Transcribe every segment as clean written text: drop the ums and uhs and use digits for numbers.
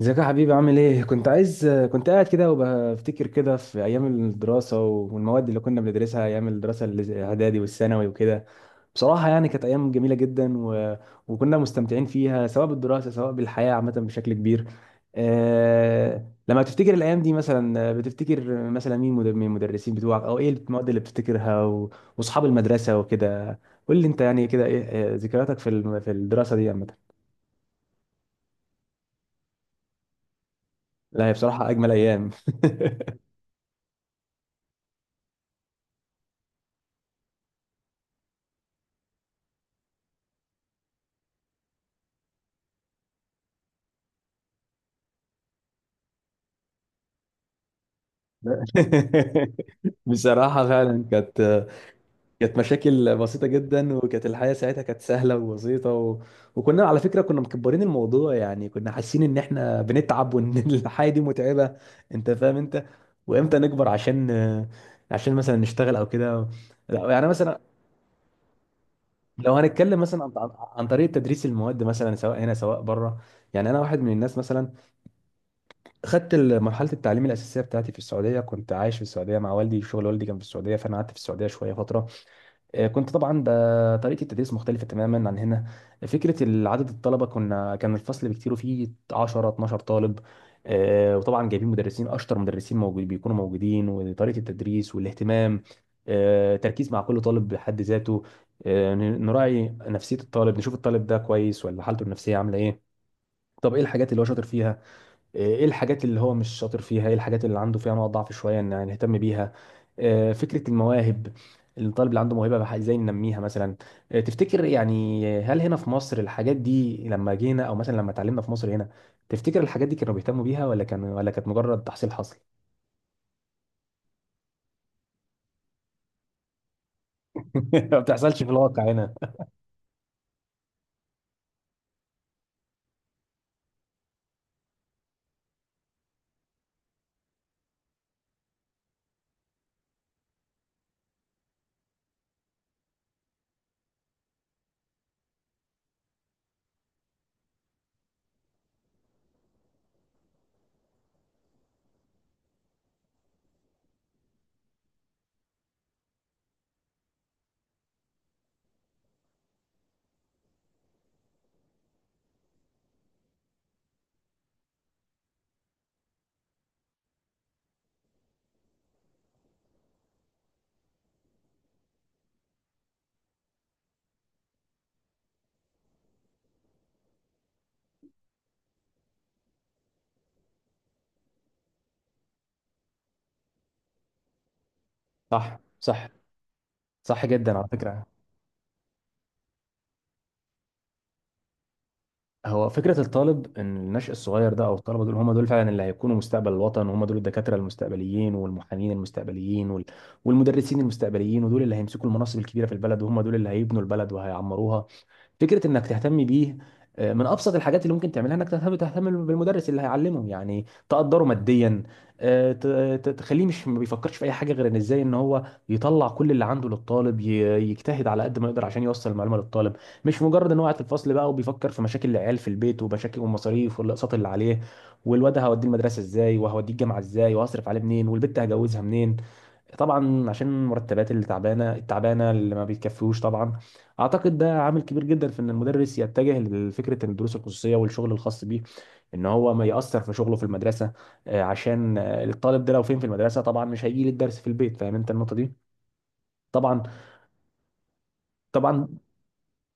ازيك يا حبيبي؟ عامل ايه؟ كنت عايز. كنت قاعد كده وبفتكر كده في ايام الدراسه والمواد اللي كنا بندرسها ايام الدراسه الاعدادي والثانوي وكده. بصراحه يعني كانت ايام جميله جدا، و... وكنا مستمتعين فيها سواء بالدراسه سواء بالحياه عامه بشكل كبير. لما تفتكر الايام دي مثلا بتفتكر مثلا مين من المدرسين بتوعك، او ايه المواد اللي بتفتكرها، و... واصحاب المدرسه وكده. قول لي انت يعني كده ايه، ذكرياتك في في الدراسه دي عامه؟ لا، هي بصراحه اجمل ايام. بصراحة فعلا كانت مشاكل بسيطة جدا، وكانت الحياة ساعتها كانت سهلة وبسيطة، و... وكنا على فكرة كنا مكبرين الموضوع، يعني كنا حاسين ان احنا بنتعب وان الحياة دي متعبة. انت فاهم انت؟ وامتى نكبر؟ عشان مثلا نشتغل او كده. لا، يعني مثلا لو هنتكلم مثلا عن طريقة تدريس المواد مثلا سواء هنا سواء بره. يعني انا واحد من الناس مثلا خدت مرحلة التعليم الأساسية بتاعتي في السعودية، كنت عايش في السعودية مع والدي، شغل والدي كان في السعودية، فأنا قعدت في السعودية شوية فترة. كنت طبعا طريقة التدريس مختلفة تماما عن هنا. فكرة عدد الطلبة، كان الفصل بكتير فيه 10 12 طالب. وطبعا جايبين مدرسين أشطر مدرسين بيكونوا موجودين، وطريقة التدريس والاهتمام. تركيز مع كل طالب بحد ذاته. نراعي نفسية الطالب، نشوف الطالب ده كويس ولا حالته النفسية عاملة إيه. طب إيه الحاجات اللي هو شاطر فيها؟ ايه الحاجات اللي هو مش شاطر فيها، ايه الحاجات اللي عنده فيها نقط ضعف شويه ان يعني نهتم بيها. فكره المواهب، الطالب اللي عنده موهبه ازاي ننميها مثلا؟ تفتكر يعني هل هنا في مصر الحاجات دي لما جينا او مثلا لما اتعلمنا في مصر هنا، تفتكر الحاجات دي كانوا بيهتموا بيها ولا كانت مجرد تحصيل حصل؟ ما بتحصلش في الواقع هنا. صح، صح، صح جدا على فكره. هو فكرة الطالب إن النشء الصغير ده أو الطلبة دول هم دول فعلا اللي هيكونوا مستقبل الوطن، وهم دول الدكاترة المستقبليين والمحامين المستقبليين وال... والمدرسين المستقبليين، ودول اللي هيمسكوا المناصب الكبيرة في البلد وهم دول اللي هيبنوا البلد وهيعمروها. فكره انك تهتم بيه، من ابسط الحاجات اللي ممكن تعملها انك تهتم بالمدرس اللي هيعلمه، يعني تقدره ماديا. آه، ت- تخليه مش ما بيفكرش في اي حاجه غير ان ازاي ان هو يطلع كل اللي عنده للطالب، يجتهد على قد ما يقدر عشان يوصل المعلومه للطالب. مش مجرد ان هو قاعد في الفصل بقى وبيفكر في مشاكل العيال في البيت، ومشاكل والمصاريف والاقساط اللي عليه، والواد هوديه المدرسه ازاي وهوديه الجامعه ازاي وهصرف عليه منين والبت هجوزها منين. طبعا عشان المرتبات اللي تعبانه التعبانه اللي ما بيتكفيوش طبعا. اعتقد ده عامل كبير جدا في ان المدرس يتجه لفكره الدروس الخصوصيه والشغل الخاص بيه، ان هو ما ياثر في شغله في المدرسه. عشان الطالب ده لو فين في المدرسه طبعا مش هيجي للدرس في البيت. فاهم انت النقطه دي؟ طبعا، طبعا.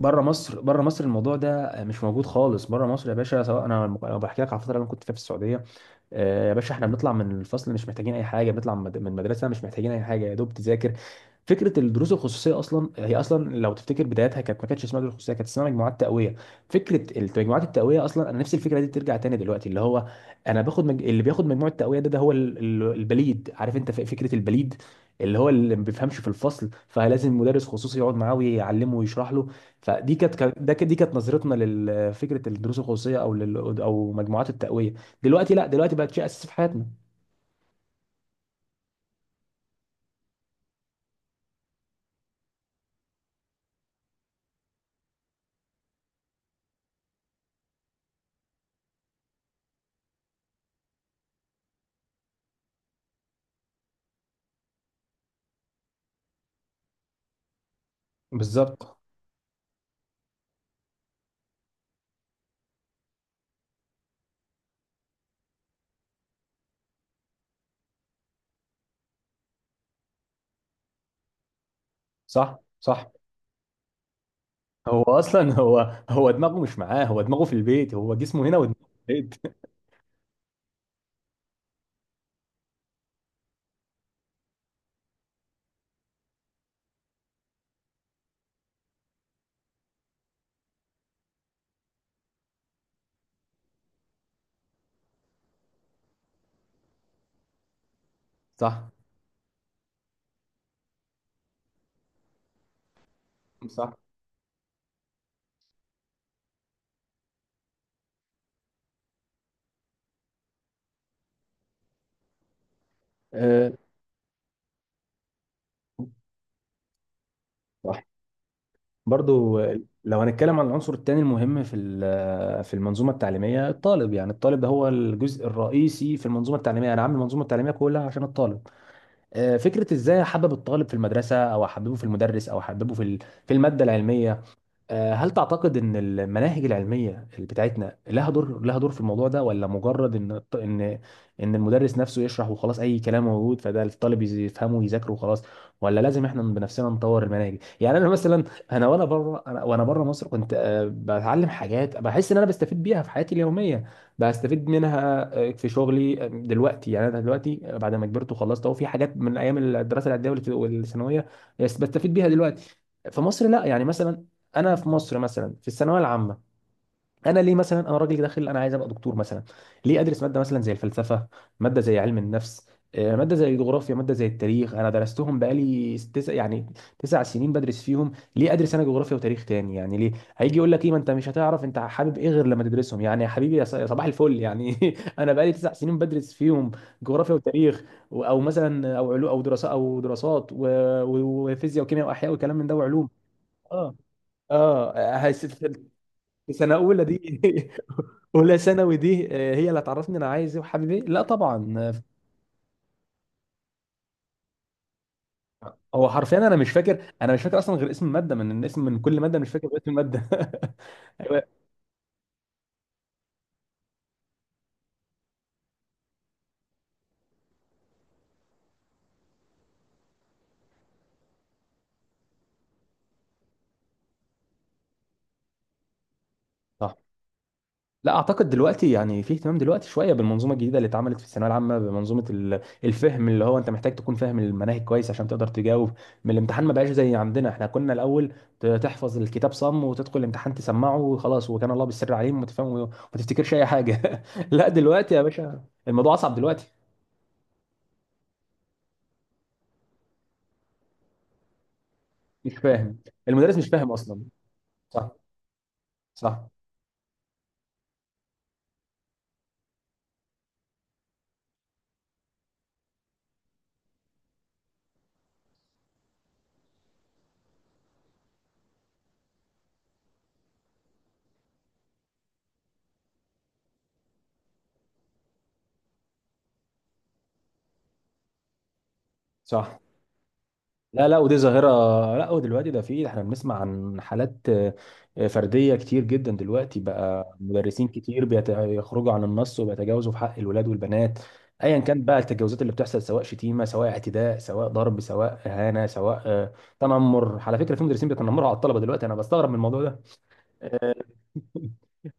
بره مصر، بره مصر الموضوع ده مش موجود خالص بره مصر يا باشا. سواء انا لو بحكي لك على الفتره اللي انا كنت فيها في السعوديه، يا باشا احنا بنطلع من الفصل مش محتاجين اي حاجه، بنطلع من المدرسه مش محتاجين اي حاجه يا دوب تذاكر. فكره الدروس الخصوصيه اصلا هي اصلا لو تفتكر بدايتها كانت ما كانتش اسمها دروس خصوصيه، كانت اسمها مجموعات تقويه. فكره مجموعات التقويه اصلا انا نفسي الفكره دي ترجع تاني دلوقتي، اللي هو اللي بياخد مجموعه التقويه ده، هو البليد، عارف انت فكره البليد، اللي هو اللي ما بيفهمش في الفصل فلازم مدرس خصوصي يقعد معاه ويعلمه ويشرح له. فدي كانت كانت- ده كانت- دي كانت نظرتنا لفكره الدروس الخصوصيه او لل او مجموعات التقويه. دلوقتي لا، دلوقتي بقت شيء اساسي في حياتنا. بالظبط، صح، صح. هو اصلا هو دماغه مش معاه، هو دماغه في البيت، هو جسمه هنا ودماغه في البيت. صح، صح، أه صح. برضو لو هنتكلم عن العنصر الثاني المهم في في المنظومه التعليميه، الطالب. يعني الطالب ده هو الجزء الرئيسي في المنظومه التعليميه، انا عامل المنظومه التعليميه كلها عشان الطالب. فكره ازاي احبب الطالب في المدرسه او احببه في المدرس او احببه في في الماده العلميه. هل تعتقد ان المناهج العلميه اللي بتاعتنا لها دور، لها دور في الموضوع ده، ولا مجرد ان ان المدرس نفسه يشرح وخلاص، اي كلام موجود فده الطالب يفهمه ويذاكره وخلاص، ولا لازم احنا بنفسنا نطور المناهج؟ يعني انا مثلا انا وانا بره مصر كنت بتعلم حاجات بحس ان انا بستفيد بيها في حياتي اليوميه، بستفيد منها في شغلي دلوقتي، يعني انا دلوقتي بعد ما كبرت وخلصت اهو، في حاجات من ايام الدراسه العاديه والثانويه بس بستفيد بيها دلوقتي. في مصر لا، يعني مثلا انا في مصر مثلا في الثانويه العامه، انا ليه مثلا انا راجل داخل انا عايز ابقى دكتور مثلا، ليه ادرس ماده مثلا زي الفلسفه، ماده زي علم النفس، ماده زي الجغرافيا، ماده زي التاريخ؟ انا درستهم بقالي تسع سنين بدرس فيهم، ليه ادرس انا جغرافيا وتاريخ تاني؟ يعني ليه؟ هيجي يقول لك ايه، ما انت مش هتعرف انت حابب ايه غير لما تدرسهم، يعني يا حبيبي يا صباح الفل يعني. انا بقالي تسع سنين بدرس فيهم جغرافيا وتاريخ، او مثلا او علوم او دراسات وفيزياء وكيمياء واحياء وكلام من ده وعلوم. اه، اه، في سنه اولى دي اولى ثانوي دي هي اللي هتعرفني انا عايز ايه وحابب ايه؟ لا طبعا. هو حرفيا انا مش فاكر اصلا غير اسم الماده، من كل ماده مش فاكر اسم الماده. أيوة. صح. لا اعتقد دلوقتي يعني في اهتمام دلوقتي شويه بالمنظومه الجديده اللي اتعملت في الثانويه العامه، بمنظومه الفهم اللي هو انت محتاج تكون فاهم المناهج كويس عشان تقدر تجاوب من الامتحان، ما بقاش زي عندنا، احنا كنا الاول تحفظ الكتاب صم وتدخل الامتحان تسمعه وخلاص، وكان الله بالسر عليهم وتفهم وما تفتكرش اي حاجه. لا دلوقتي يا باشا الموضوع اصعب دلوقتي. مش فاهم، المدرس مش فاهم اصلا. صح، صح، صح. لا، لا، ودي ظاهرة. لا ودلوقتي ده في احنا بنسمع عن حالات فردية كتير جدا دلوقتي، بقى مدرسين كتير بيخرجوا عن النص وبيتجاوزوا في حق الولاد والبنات. ايا كان بقى التجاوزات اللي بتحصل، سواء شتيمة سواء اعتداء سواء ضرب سواء اهانة سواء تنمر. على فكرة في مدرسين بيتنمروا على الطلبة دلوقتي، انا بستغرب من الموضوع ده. آه،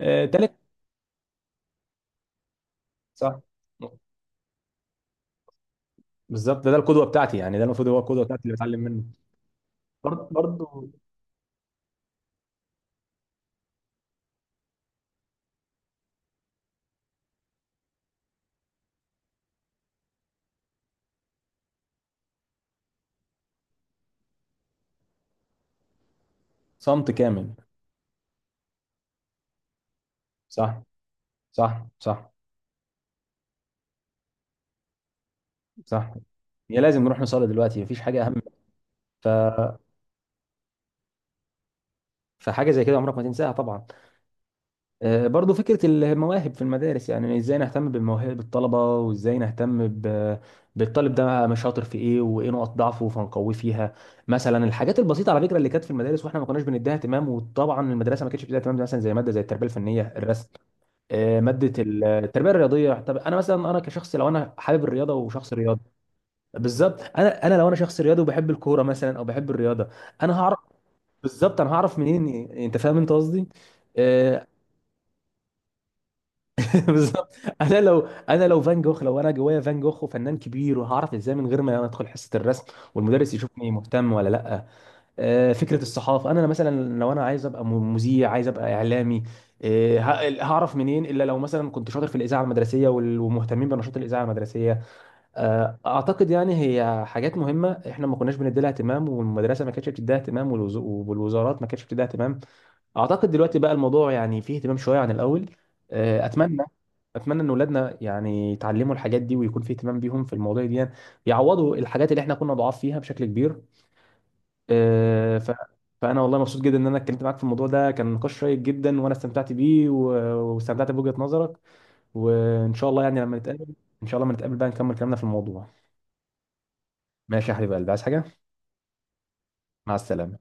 تالت. صح، بالظبط، ده القدوة بتاعتي، يعني ده المفروض هو القدوة بتاعتي اللي بتعلم منه. برضه، برضه، صمت كامل. صح، صح، صح، صح، هي لازم نروح نصلي دلوقتي، مفيش حاجه اهم. ف... فحاجه زي كده عمرك ما تنساها طبعا. برضو فكره المواهب في المدارس، يعني ازاي نهتم بمواهب الطلبه، وازاي نهتم بالطالب ده، مش شاطر في ايه وايه نقط ضعفه فنقويه فيها. مثلا الحاجات البسيطه على فكره اللي كانت في المدارس، واحنا ما كناش بنديها اهتمام، وطبعا المدرسه ما كانتش بتديها اهتمام، مثلا زي ماده زي التربيه الفنيه الرسم، ماده التربيه الرياضيه. طب انا مثلا انا كشخص لو انا حابب الرياضه وشخص رياضي، بالظبط. انا لو انا شخص رياضي وبحب الكوره مثلا او بحب الرياضه، انا هعرف. بالظبط، انا هعرف منين انت فاهم انت قصدي؟ آه، بالظبط. انا لو انا لو فان جوخ لو انا جوايا فان جوخ وفنان كبير، وهعرف ازاي من غير ما ادخل حصه الرسم والمدرس يشوفني مهتم ولا لا؟ فكره الصحافه، انا مثلا لو انا عايز ابقى مذيع، عايز ابقى اعلامي، هعرف منين الا لو مثلا كنت شاطر في الاذاعه المدرسيه ومهتمين بنشاط الاذاعه المدرسيه. اعتقد يعني هي حاجات مهمه احنا ما كناش بندي لها اهتمام، والمدرسه ما كانتش بتديها اهتمام، والوزارات ما كانتش بتديها اهتمام. اعتقد دلوقتي بقى الموضوع يعني فيه اهتمام شويه عن الاول. آه، اتمنى اتمنى ان اولادنا يعني يتعلموا الحاجات دي ويكون في اهتمام بيهم في المواضيع دي، يعني يعوضوا الحاجات اللي احنا كنا ضعاف فيها بشكل كبير. آه، ف فانا والله مبسوط جدا ان انا اتكلمت معاك في الموضوع ده، كان نقاش شيق جدا، وانا استمتعت بيه، واستمتعت بوجهة نظرك. وان شاء الله يعني لما نتقابل، ان شاء الله لما نتقابل بقى نكمل كلامنا في الموضوع. ماشي يا حبيب قلبي، عايز حاجة؟ مع السلامة.